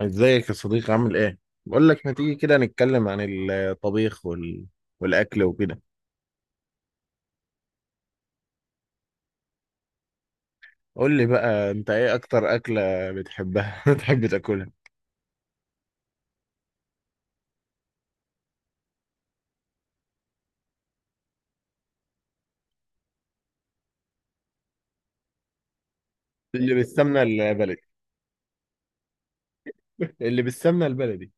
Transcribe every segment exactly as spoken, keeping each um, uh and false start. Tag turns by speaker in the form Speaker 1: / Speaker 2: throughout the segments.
Speaker 1: ازيك يا صديقي عامل ايه؟ بقول لك ما تيجي كده نتكلم عن الطبيخ وال... والاكل وكده. قول لي بقى انت ايه اكتر اكلة بتحبها، بتحب تاكلها؟ اللي بالسمنة البلدي. اللي بالسمنة البلدي.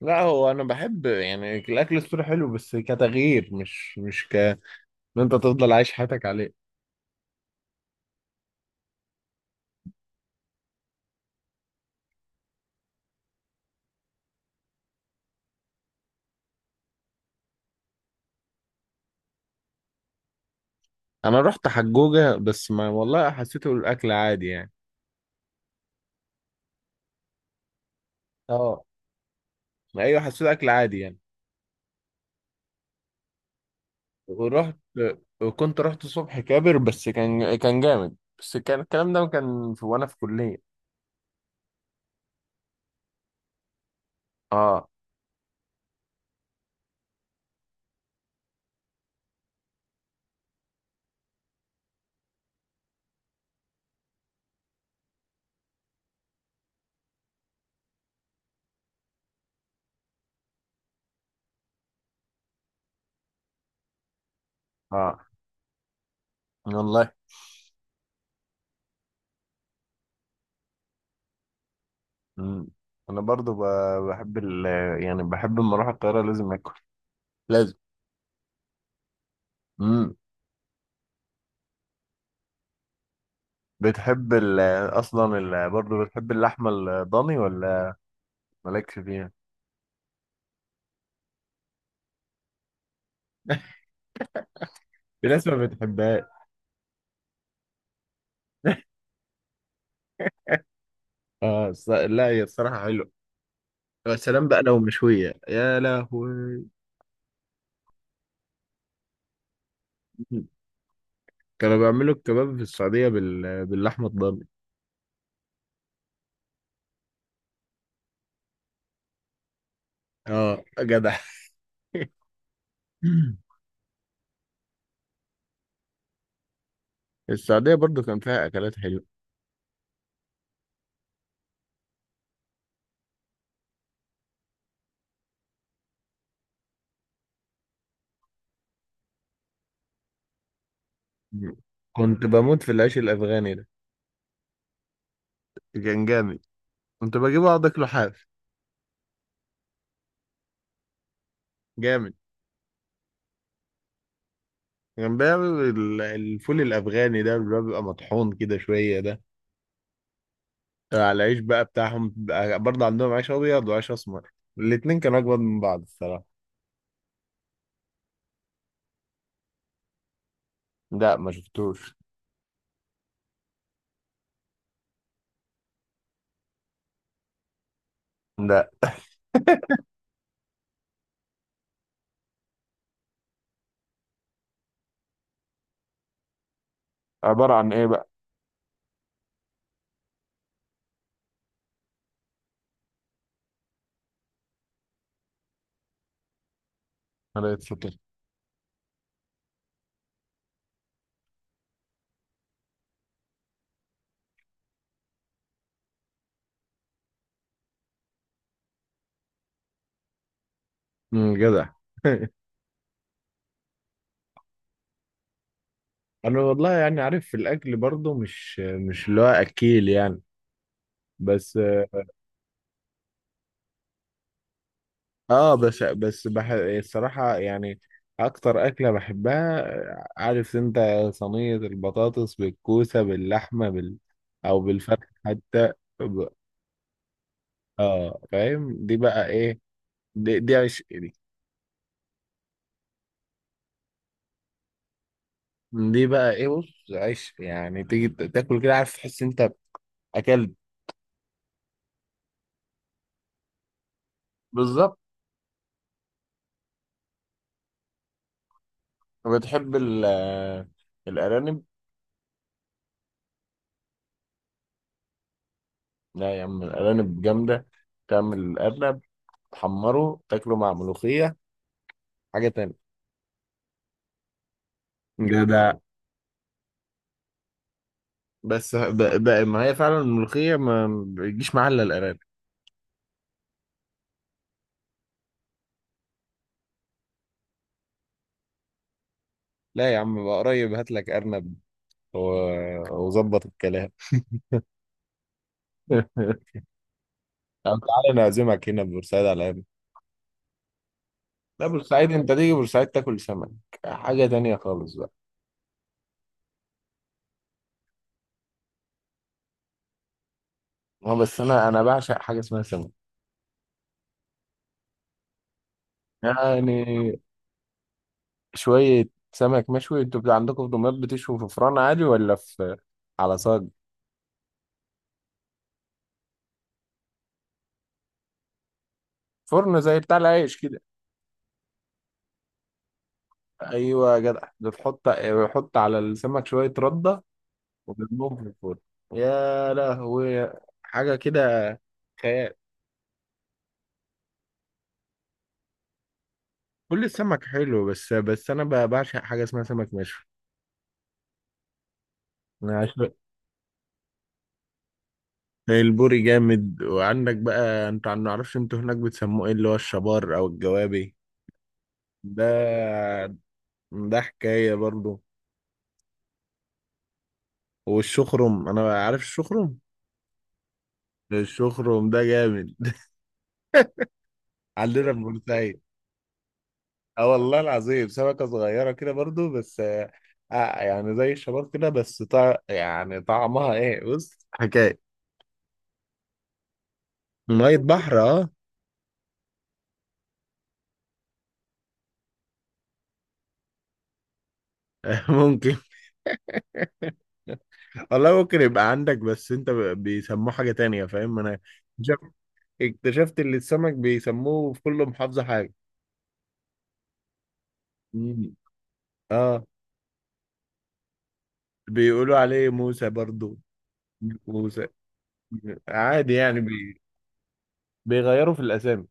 Speaker 1: لا، هو انا بحب يعني الاكل السوري حلو بس كتغيير، مش مش ك ان انت تفضل عايش حياتك عليه. انا رحت حجوجة بس ما والله حسيته الاكل عادي يعني. اه. ايوه، حسيته اكل عادي يعني. ورحت كنت رحت صبح كابر، بس كان كان جامد، بس كان الكلام ده كان في وانا في كلية. اه. اه والله. مم. انا برضو ب- بحب ال يعني بحب لما اروح القاهرة لازم اكل. لازم. مم. بتحب ال اصلا ال برضو، بتحب اللحمة الضاني ولا مالكش فيها؟ في ناس ما بتحبهاش. اه الص- لا، هي الصراحة حلوة. يا سلام بقى لو مشوية، يا لهوي. كانوا بيعملوا الكباب في السعودية بال... باللحمة الضاني. اه جدع. السعودية برضو كان فيها أكلات حلوة. مم. كنت بموت في العيش الافغاني ده. كان جامد. كنت بجيبه اقعد اكله حاف. جامد. كان بيعمل ال- الفول الافغاني ده اللي هو بيبقى مطحون كده شويه، ده على العيش بقى بتاعهم بقى- برضه. عندهم عيش ابيض وعيش اسمر، الاتنين كانوا اجمد من بعض الصراحه. لا ما شفتوش. لا. عبارة عن إيه بقى؟ على الفطر. امم جدع. انا والله يعني عارف في الاكل برضه مش مش اللي هو اكيل يعني، بس. اه، بس بس بح... الصراحة يعني أكتر أكلة بحبها، عارف أنت، صينية البطاطس بالكوسة باللحمة بال... أو بالفرخ حتى. ب... اه فاهم دي بقى إيه؟ دي, دي عيش دي. دي بقى إيه؟ بص عيش، يعني تيجي ت- تاكل كده، عارف تحس أنت أكلت. بالظبط. بتحب ال... آه، الأرانب؟ لا يا عم، الأرانب جامدة. تعمل الأرنب، تحمره، تاكله مع ملوخية، حاجة تانية. ده ده. بس ب- بقى ما هي فعلا الملوخية ما بتجيش معاها إلا الأرانب. لا يا عم، بقى قريب هات لك أرنب و- وظبط الكلام. طب تعالى نعزمك هنا في بورسعيد على الأرنب. لا، بورسعيد أنت تيجي بورسعيد تاكل سمك، حاجة تانية خالص بقى. هو بس أنا أنا بعشق حاجة اسمها سمك. يعني شوية سمك مشوي، أنتوا بتاع عندكم في دمياط بتشوي في فرن عادي ولا في، على صاج؟ فرن زي بتاع العيش كده. أيوة يا جدع، بتحط يحط على السمك شوية ردة وبيضربهم في الفرن. يا لهوي، حاجة كده، خيال. كل السمك حلو، بس بس أنا ب- بعشق حاجة اسمها سمك مشوي. أنا عشق. البوري جامد، وعندك بقى أنت ما أعرفش أنتوا هناك بتسموه إيه اللي هو الشبار أو الجوابي. ده ده حكاية برضو. والشخرم، أنا عارف الشخرم. الشخرم ده جامد. عندنا في بورسعيد. اه والله العظيم، سمكة صغيرة كده برضو، بس آه آه، يعني زي الشباب كده، بس طع... يعني طعمها ايه؟ بص حكاية. مية بحر، اه. ممكن. والله ممكن يبقى عندك بس انت ب- بيسموه حاجة تانية، فاهم؟ انا اكتشفت اكتشفت ان السمك بيسموه في كل محافظة حاجة. مم. اه. بيقولوا عليه موسى برضو. موسى. عادي يعني بي... بيغيروا في الاسامي.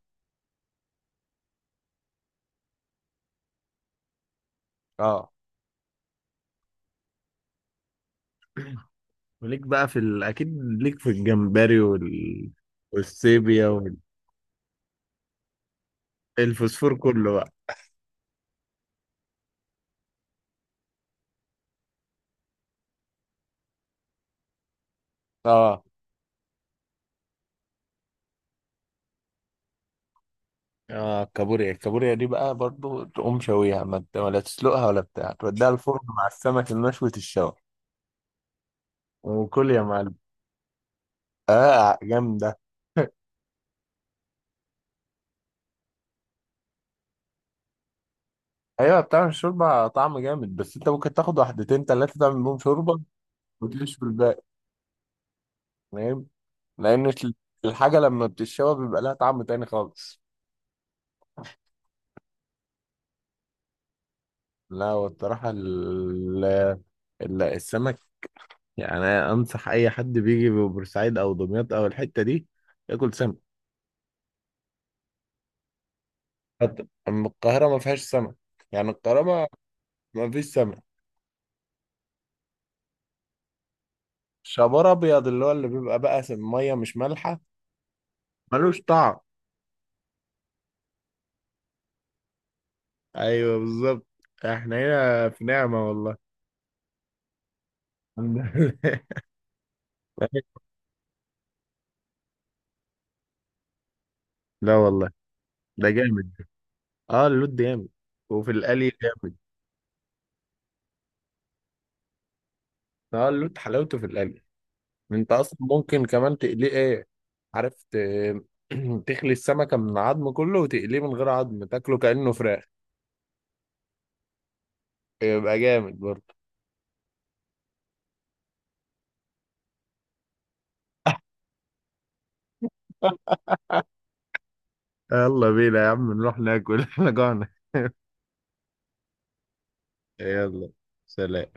Speaker 1: اه. وليك بقى في ال... اكيد ليك في الجمبري وال... والسيبيا والفوسفور كله بقى. اه. اه الكابوريا الكابوريا دي بقى برضو تقوم شويها، ما ت- ولا تسلقها ولا بتاع، توديها الفرن مع السمك المشوي الشوي وكل يا معلم. اه جامدة. ايوه، بتعمل شوربة طعم جامد، بس انت ممكن تاخد واحدتين تلاتة تعمل بيهم شوربة وتشوي الباقي، فاهم؟ لان الحاجة لما بتتشوى بيبقى لها طعم تاني خالص. لا والصراحة ال- ال- السمك، يعني أنا أنصح أي حد بيجي ببورسعيد أو دمياط أو الحتة دي ياكل سمك. حتى- أما القاهرة ما فيهاش سمك، يعني القاهرة ما ما فيش سمك. شبار أبيض اللي هو اللي بيبقى بقى س- مية مش مالحة، ملوش طعم. أيوه بالظبط. إحنا هنا في نعمة والله. الحمد لله. لا والله. ده جامد. اه اللوت جامد وفي القلي جامد. اه اللوت حلاوته في القلي. انت اصلا ممكن كمان تقليه، ايه عارف ت... تخلي السمكة من العظم كله وتقليه من غير عظم، تاكله كأنه فراخ. يبقى جامد برضه. يلا بينا يا عم نروح ناكل، احنا جوعنا. يلا. سلام.